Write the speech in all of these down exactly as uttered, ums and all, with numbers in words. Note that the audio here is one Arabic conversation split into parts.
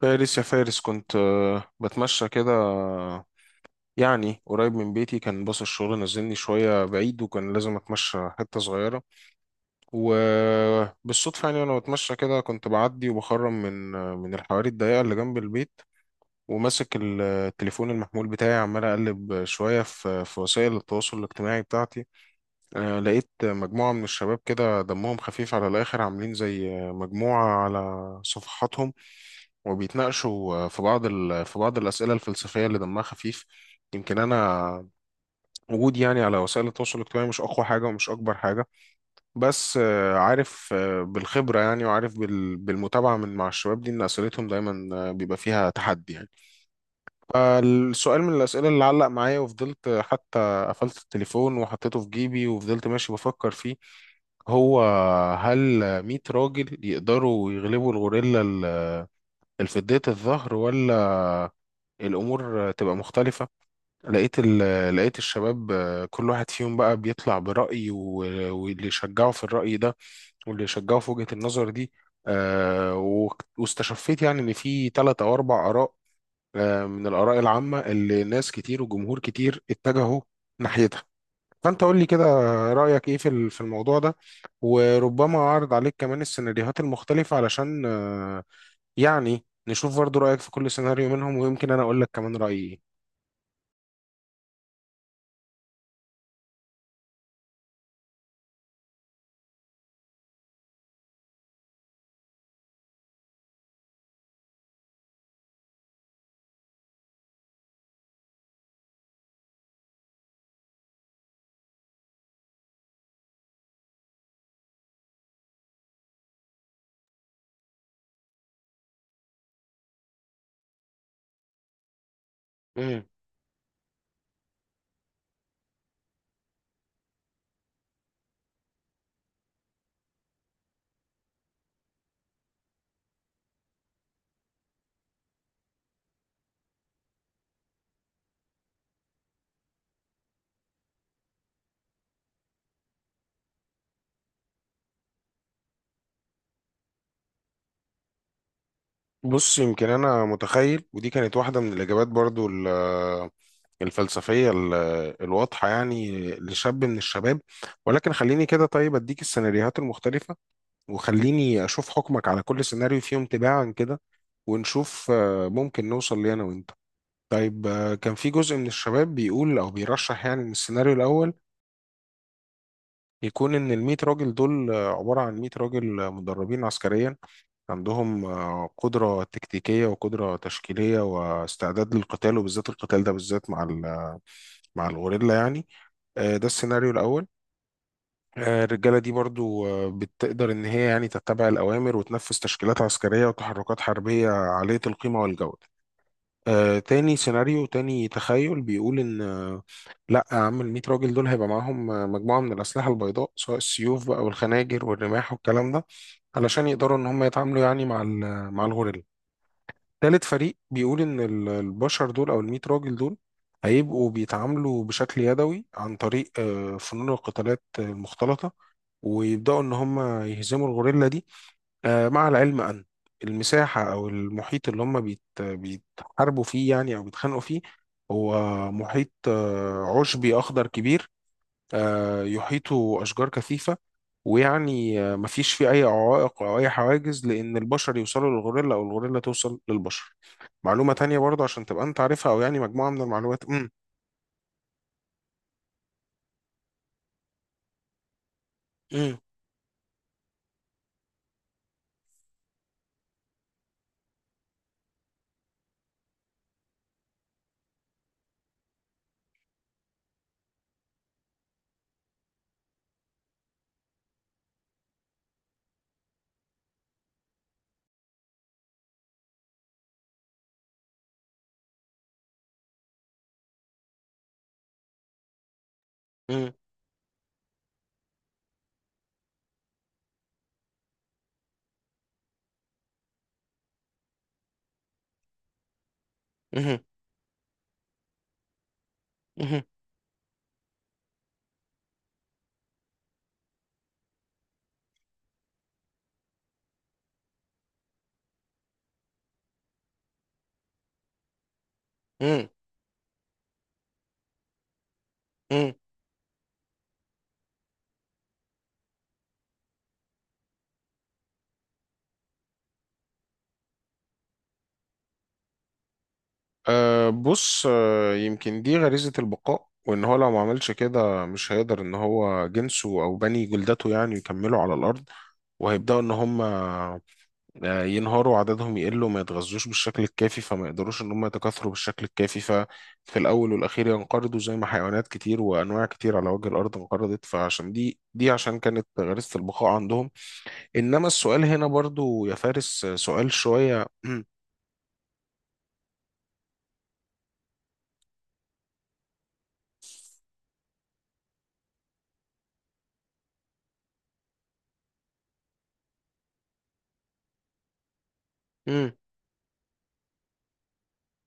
فارس، يا فارس كنت آه، بتمشى كده، آه، يعني قريب من بيتي. كان باص الشغل نزلني شوية بعيد، وكان لازم أتمشى حتة صغيرة. وبالصدفة يعني وأنا بتمشى كده كنت بعدي وبخرم من آه، من الحواري الضيقة اللي جنب البيت، وماسك ال- آه، التليفون المحمول بتاعي، عمال أقلب شوية في في وسائل التواصل الاجتماعي بتاعتي. آه، لقيت مجموعة من الشباب كده دمهم خفيف على الآخر، عاملين زي آه، مجموعة على صفحاتهم، وبيتناقشوا آه، في بعض ال... في بعض الأسئلة الفلسفية اللي دمها خفيف. يمكن أنا وجودي يعني على وسائل التواصل الاجتماعي مش أقوى حاجة ومش أكبر حاجة، بس آه، عارف آه، بالخبرة يعني، وعارف بال... بالمتابعة من مع الشباب دي إن أسئلتهم دايما آه، بيبقى فيها تحدي يعني. فالسؤال من الأسئلة اللي علق معايا وفضلت، آه، حتى قفلت التليفون وحطيته في جيبي وفضلت ماشي بفكر فيه. هو، هل مية راجل يقدروا يغلبوا الغوريلا ال- الفدية الظهر، ولا الأمور تبقى مختلفة؟ لقيت ال- لقيت الشباب آه، كل واحد فيهم بقى بيطلع برأي و- واللي يشجعه في الرأي ده، واللي يشجعه في وجهة النظر دي. آه، وك- واستشفيت يعني إن في ثلاث أو أربع آراء، آه، من الآراء العامة اللي ناس كتير وجمهور كتير اتجهوا ناحيتها. فأنت قول لي كده، رأيك إيه في ال- في الموضوع ده؟ وربما أعرض عليك كمان السيناريوهات المختلفة، علشان آه، يعني نشوف برضو رأيك في كل سيناريو منهم، ويمكن أنا أقول لك كمان رأيي إيه. بص، يمكن انا متخيل، ودي كانت واحده من الاجابات برضو ال- آه، الفلسفيه ال- آه، الواضحه يعني لشاب من الشباب، ولكن خليني كده. طيب، اديك السيناريوهات المختلفه، وخليني اشوف حكمك على كل سيناريو فيهم تباعا كده، ونشوف آه، ممكن نوصل ليه انا وانت. طيب، آه، كان في جزء من الشباب بيقول او بيرشح يعني ان السيناريو الاول يكون ان ال مية راجل دول آه، عباره عن مية راجل آه، مدربين عسكريا، عندهم آه، قدرة تكتيكية وقدرة تشكيلية واستعداد للقتال، وبالذات القتال ده بالذات مع ال- مع الغوريلا يعني. آه، ده السيناريو الأول. آه، الرجالة دي برضو آه، بتقدر إن هي يعني تتبع الأوامر، وتنفذ تشكيلات عسكرية وتحركات حربية عالية القيمة والجودة. آه، تاني سيناريو، تاني تخيل بيقول إن آه، لا يا عم ال مية راجل دول هيبقى معاهم آه، مجموعة من الأسلحة البيضاء، سواء السيوف بقى والخناجر والرماح والكلام ده، علشان يقدروا إن هم يتعاملوا يعني مع ال- مع الغوريلا. تالت فريق بيقول إن ال- البشر دول، أو الميت راجل دول، هيبقوا بيتعاملوا بشكل يدوي عن طريق آه، فنون القتالات المختلطة، ويبدأوا إن هم يهزموا الغوريلا دي. آه، مع العلم أن المساحة أو المحيط اللي هم بيت- بيتحاربوا فيه يعني، أو بيتخانقوا فيه، هو محيط آه، عشبي أخضر كبير، آه، يحيطه أشجار كثيفة، ويعني آه، مفيش فيه أي عوائق أو أي حواجز، لأن البشر يوصلوا للغوريلا أو الغوريلا توصل للبشر. معلومة تانية برضه عشان تبقى أنت عارفها، أو يعني مجموعة من المعلومات. مم. مم. مم. مم. مم. مم. مم. أه، بص، أه يمكن دي غريزة البقاء، وإن هو لو ما عملش كده مش هيقدر إن هو جنسه أو بني جلدته يعني يكملوا على الأرض، وهيبدأوا إن هم آه، ينهاروا، عددهم يقل وما يتغذوش بالشكل الكافي، فما يقدروش ان هم يتكاثروا بالشكل الكافي، ففي الاول والاخير ينقرضوا زي ما حيوانات كتير وانواع كتير على وجه الارض انقرضت، فعشان دي دي عشان كانت غريزة البقاء عندهم. انما السؤال هنا برضو يا فارس آه، سؤال شوية.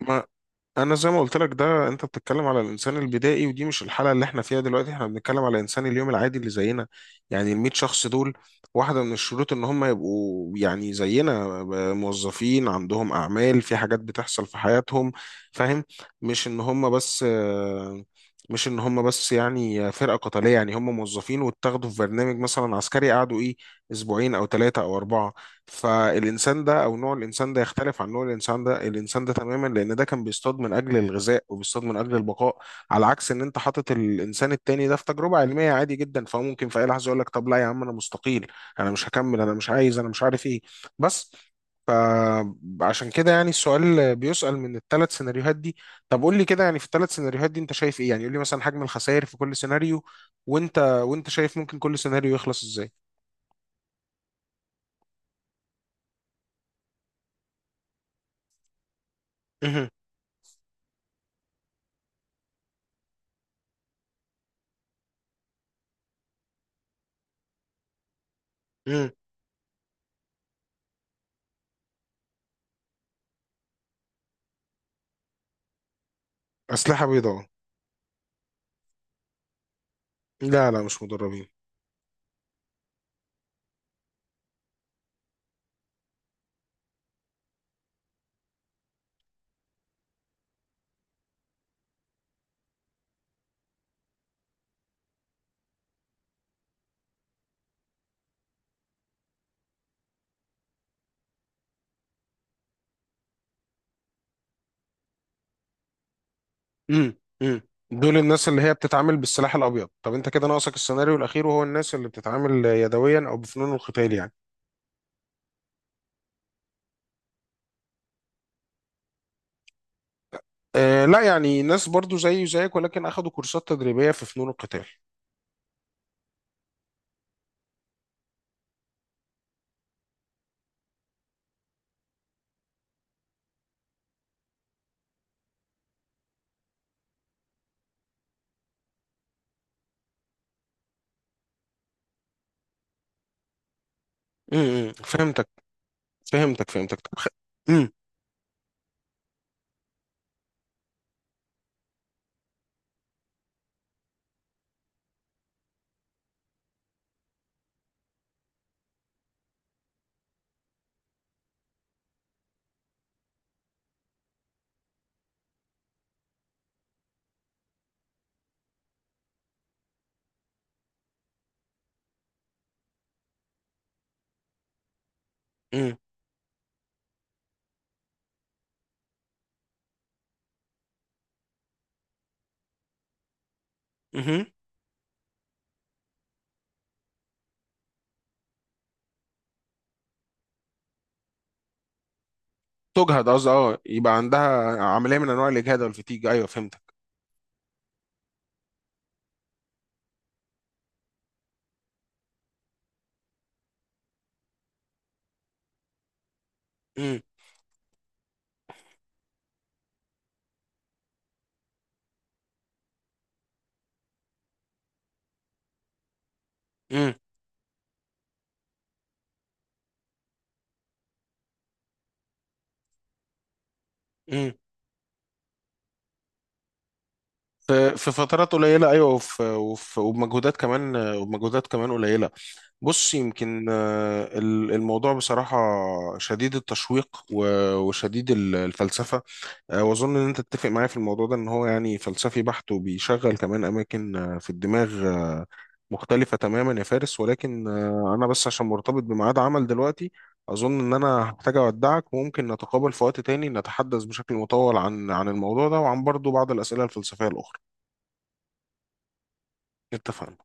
ما انا زي ما قلت لك، ده انت بتتكلم على الانسان البدائي، ودي مش الحاله اللي احنا فيها دلوقتي. احنا بنتكلم على انسان اليوم العادي اللي زينا، يعني ال مية شخص دول. واحده من الشروط ان هم يبقوا يعني زينا، ب- موظفين عندهم اعمال، في حاجات بتحصل في حياتهم، فاهم؟ مش ان هم بس آه، مش ان هم بس يعني فرقه قتاليه، يعني هم موظفين واتاخدوا في برنامج مثلا عسكري، قعدوا ايه، اسبوعين او ثلاثه او اربعه. فالإنسان ده أو نوع الإنسان ده يختلف عن نوع الإنسان ده الإنسان ده تماما، لأن ده كان بيصطاد من أجل الغذاء وبيصطاد من أجل البقاء، على عكس إن أنت حاطط الإنسان التاني ده في تجربة علمية عادي جدا، فهو ممكن في أي لحظة يقول لك طب لا يا عم أنا مستقيل، أنا مش هكمل، أنا مش عايز، أنا مش عارف إيه، بس. فعشان كده يعني السؤال بيسأل من الثلاث سيناريوهات دي. طب قول لي كده، يعني في الثلاث سيناريوهات دي أنت شايف إيه؟ يعني قول لي مثلا حجم الخسائر في كل سيناريو، وأنت، وأنت شايف ممكن كل سيناريو يخلص إزاي. مهم. مهم. أسلحة بيضاء. لا، لا مش مدربين. امم امم دول الناس اللي هي بتتعامل بالسلاح الابيض. طب انت كده ناقصك السيناريو الاخير، وهو الناس اللي بتتعامل يدويا او بفنون القتال يعني. آه لا، يعني ناس برضو زيي وزيك، ولكن اخذوا كورسات تدريبية في فنون القتال. امم فهمتك. فهمتك، فهمتك. طب خ- امم امم امم تجهد، قصدي اه، يبقى عندها عملية من انواع الاجهاد والفتيج، ايوه فهمتك. امم امم في في فترات قليلة، أيوة، وفي وفي وبمجهودات كمان وبمجهودات كمان قليلة. بص، يمكن آه، ال- الموضوع بصراحة شديد التشويق و- وشديد ال- الفلسفة. آه، وأظن إن أنت تتفق معايا في الموضوع ده، إن هو يعني فلسفي بحت، وبيشغل كمان أماكن آه، في الدماغ آه، مختلفة تماما يا فارس. ولكن آه، أنا بس عشان مرتبط بميعاد عمل دلوقتي، أظن إن أنا هحتاج أودعك، وممكن نتقابل في وقت تاني نتحدث بشكل مطول عن عن الموضوع ده، وعن برضو بعض الأسئلة الفلسفية الأخرى. اتفقنا.